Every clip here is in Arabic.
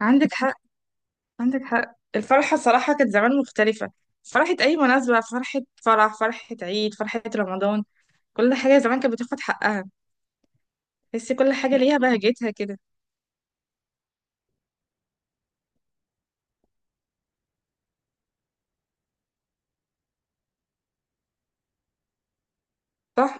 عندك حق. عندك حق، الفرحة صراحة كانت زمان مختلفة. فرحة أي مناسبة، فرحة فرح، فرحة عيد، فرحة رمضان. كل حاجة زمان كانت بتاخد حقها. تحسي كل حاجة ليها بهجتها كده. صح؟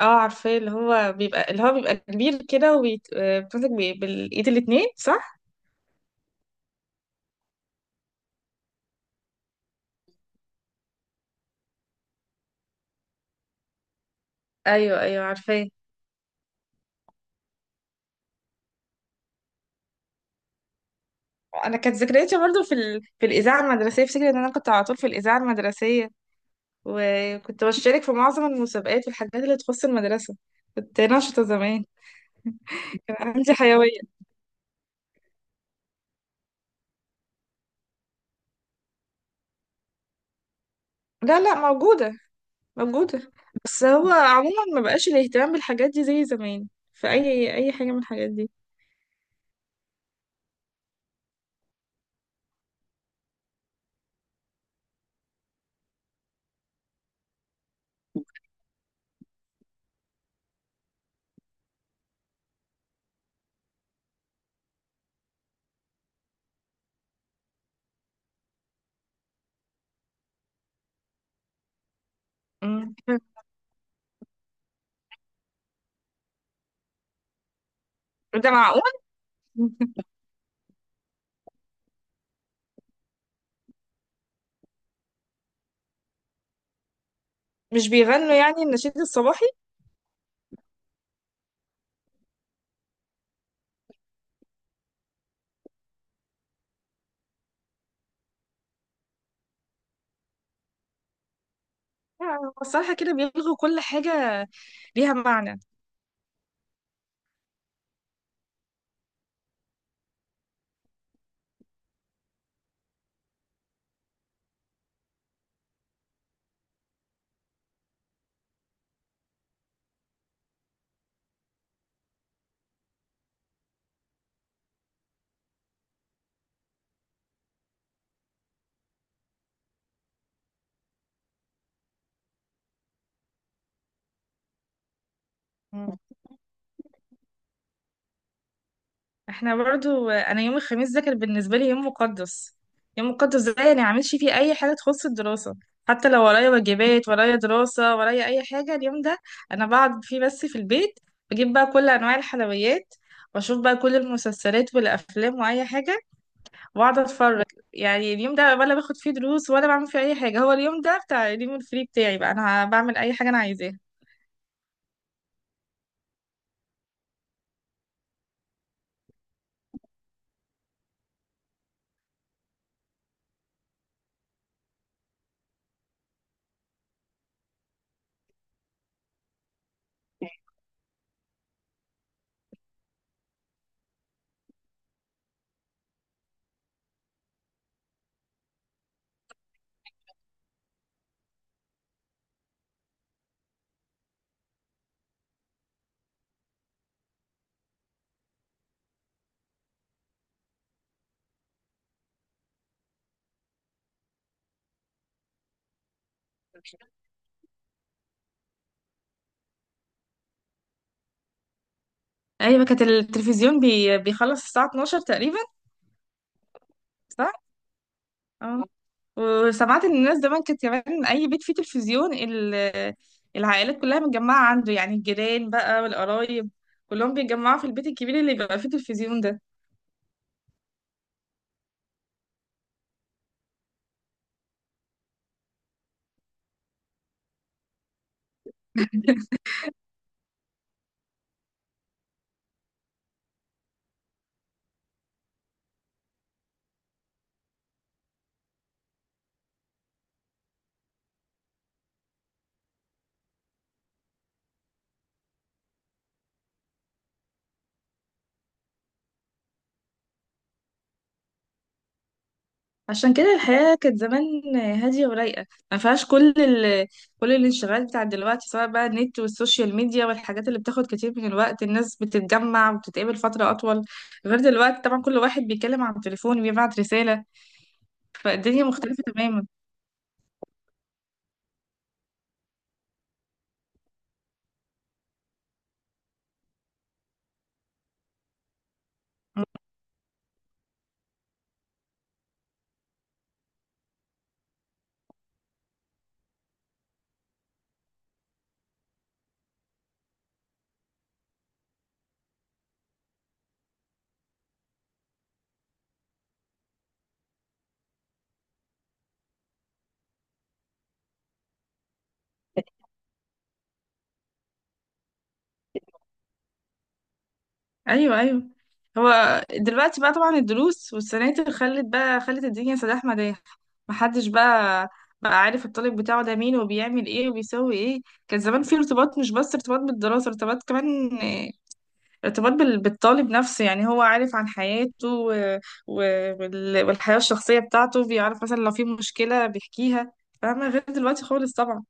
اه عارفاه، اللي هو بيبقى كبير كده وبتمسك بالإيد الاتنين، صح؟ أيوه أيوه عارفاه. أنا كانت ذكرياتي برضو في الإذاعة المدرسية. افتكر إن أنا كنت على طول في الإذاعة المدرسية، وكنت بشارك في معظم المسابقات والحاجات اللي تخص المدرسة. كنت نشطة زمان، كان عندي حيوية. لا لا، موجودة موجودة. بس هو عموما ما بقاش الاهتمام بالحاجات دي زي زمان، في أي حاجة من الحاجات دي. مم. ده معقول؟ مش بيغنوا يعني النشيد الصباحي؟ الصراحة كده بيلغوا كل حاجة ليها معنى. احنا برضو انا يوم الخميس ده كان بالنسبه لي يوم مقدس. يوم مقدس ده يعني ما اعملش فيه اي حاجه تخص الدراسه، حتى لو ورايا واجبات ورايا دراسه ورايا اي حاجه. اليوم ده انا بقعد فيه بس في البيت، بجيب بقى كل انواع الحلويات، واشوف بقى كل المسلسلات والافلام واي حاجه واقعد اتفرج. يعني اليوم ده ولا باخد فيه دروس ولا بعمل فيه اي حاجه، هو اليوم ده بتاع اليوم الفري بتاعي، بقى انا بعمل اي حاجه انا عايزاها. ايوه، كانت التلفزيون بيخلص الساعه 12 تقريبا. اه. وسمعت ان الناس زمان كانت كمان اي بيت فيه تلفزيون العائلات كلها متجمعه عنده، يعني الجيران بقى والقرايب كلهم بيتجمعوا في البيت الكبير اللي بيبقى فيه تلفزيون ده. عشان كده الحياه كانت زمان هاديه ورايقه، ما فيهاش كل الانشغالات بتاعت دلوقتي، سواء بقى النت والسوشيال ميديا والحاجات اللي بتاخد كتير من الوقت. الناس بتتجمع وبتتقابل فتره اطول، غير دلوقتي طبعا كل واحد بيتكلم عن التليفون وبيبعت رساله. فالدنيا مختلفه تماما. ايوه ايوه. هو دلوقتي بقى طبعا الدروس والسناتر خلت الدنيا سداح مداح. محدش بقى، بقى عارف الطالب بتاعه ده مين وبيعمل ايه وبيسوي ايه. كان زمان في ارتباط، مش بس ارتباط بالدراسة، ارتباط كمان، آه، ارتباط بالطالب نفسه. يعني هو عارف عن حياته والحياة الشخصية بتاعته، بيعرف مثلا لو في مشكلة بيحكيها. فاهمة؟ غير دلوقتي خالص طبعا.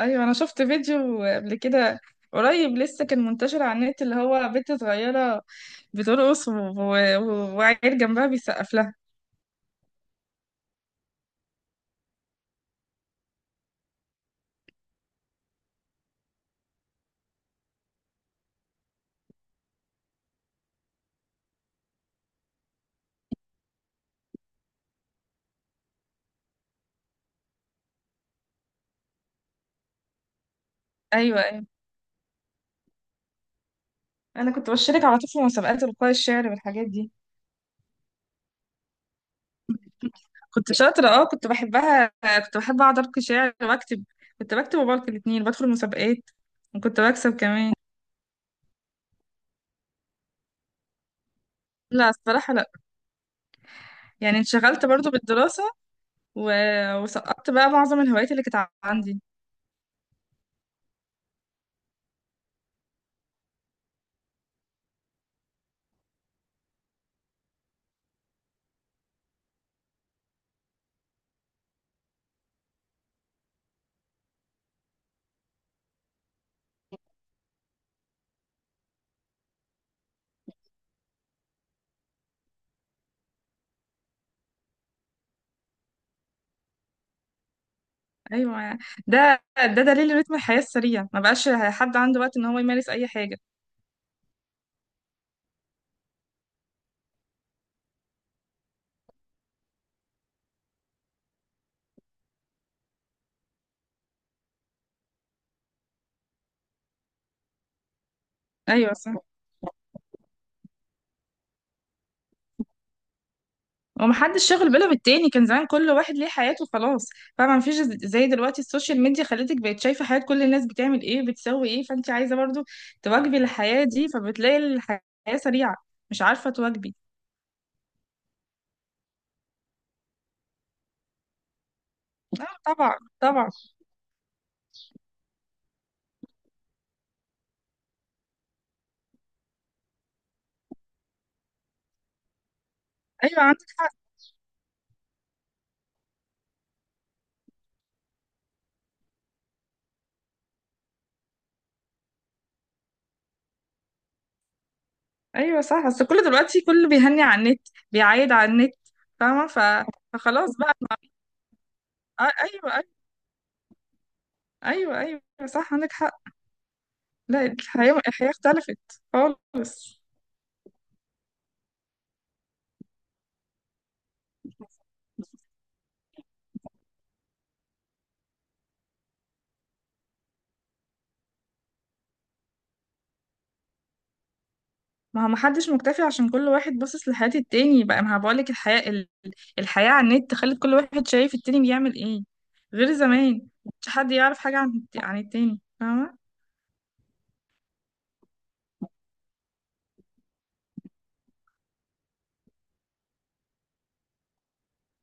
ايوه انا شفت فيديو قبل كده، قريب لسه كان منتشر على النت، اللي هو بنت صغيره بترقص وعيل جنبها بيسقف لها. ايوه ايوه. انا كنت بشارك على طول في مسابقات القاء الشعر والحاجات دي. كنت شاطره، اه كنت بحبها. كنت بحب اقعد القي شعر واكتب. كنت بكتب وبلقي الاتنين، بدخل مسابقات وكنت بكسب كمان. لا الصراحه لا. يعني انشغلت برضو بالدراسه و... وسقطت بقى معظم الهوايات اللي كانت عندي. ايوه، ده دليل رتم الحياه السريع، ما بقاش حد عنده وقت ان هو يمارس اي حاجه. ايوه صح. ومحدش شاغل باله بالتاني. كان زمان كل واحد ليه حياته خلاص، فما مفيش. زي دلوقتي السوشيال ميديا خلتك بقت شايفه حياه كل الناس بتعمل ايه بتسوي ايه، فانت عايزه برضو تواكبي الحياه دي، فبتلاقي الحياه سريعه مش عارفه تواكبي. اه طبعا طبعا. ايوه عندك حق. ايوه صح. بس كله دلوقتي كله بيهني على النت، بيعايد على النت. فاهمه؟ فخلاص بقى. ايوه ايوه. ايوه ايوه صح عندك حق. لا، الحياة الحياة اختلفت خالص. ما هو محدش مكتفي عشان كل واحد باصص لحياة التاني. بقى ما بقولك، الحياة الحياة على النت خلت كل واحد شايف التاني بيعمل ايه، غير زمان مش حد يعرف حاجة عن عن التاني. فاهمة؟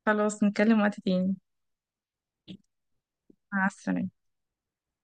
خلاص نتكلم وقت تاني. مع السلامة.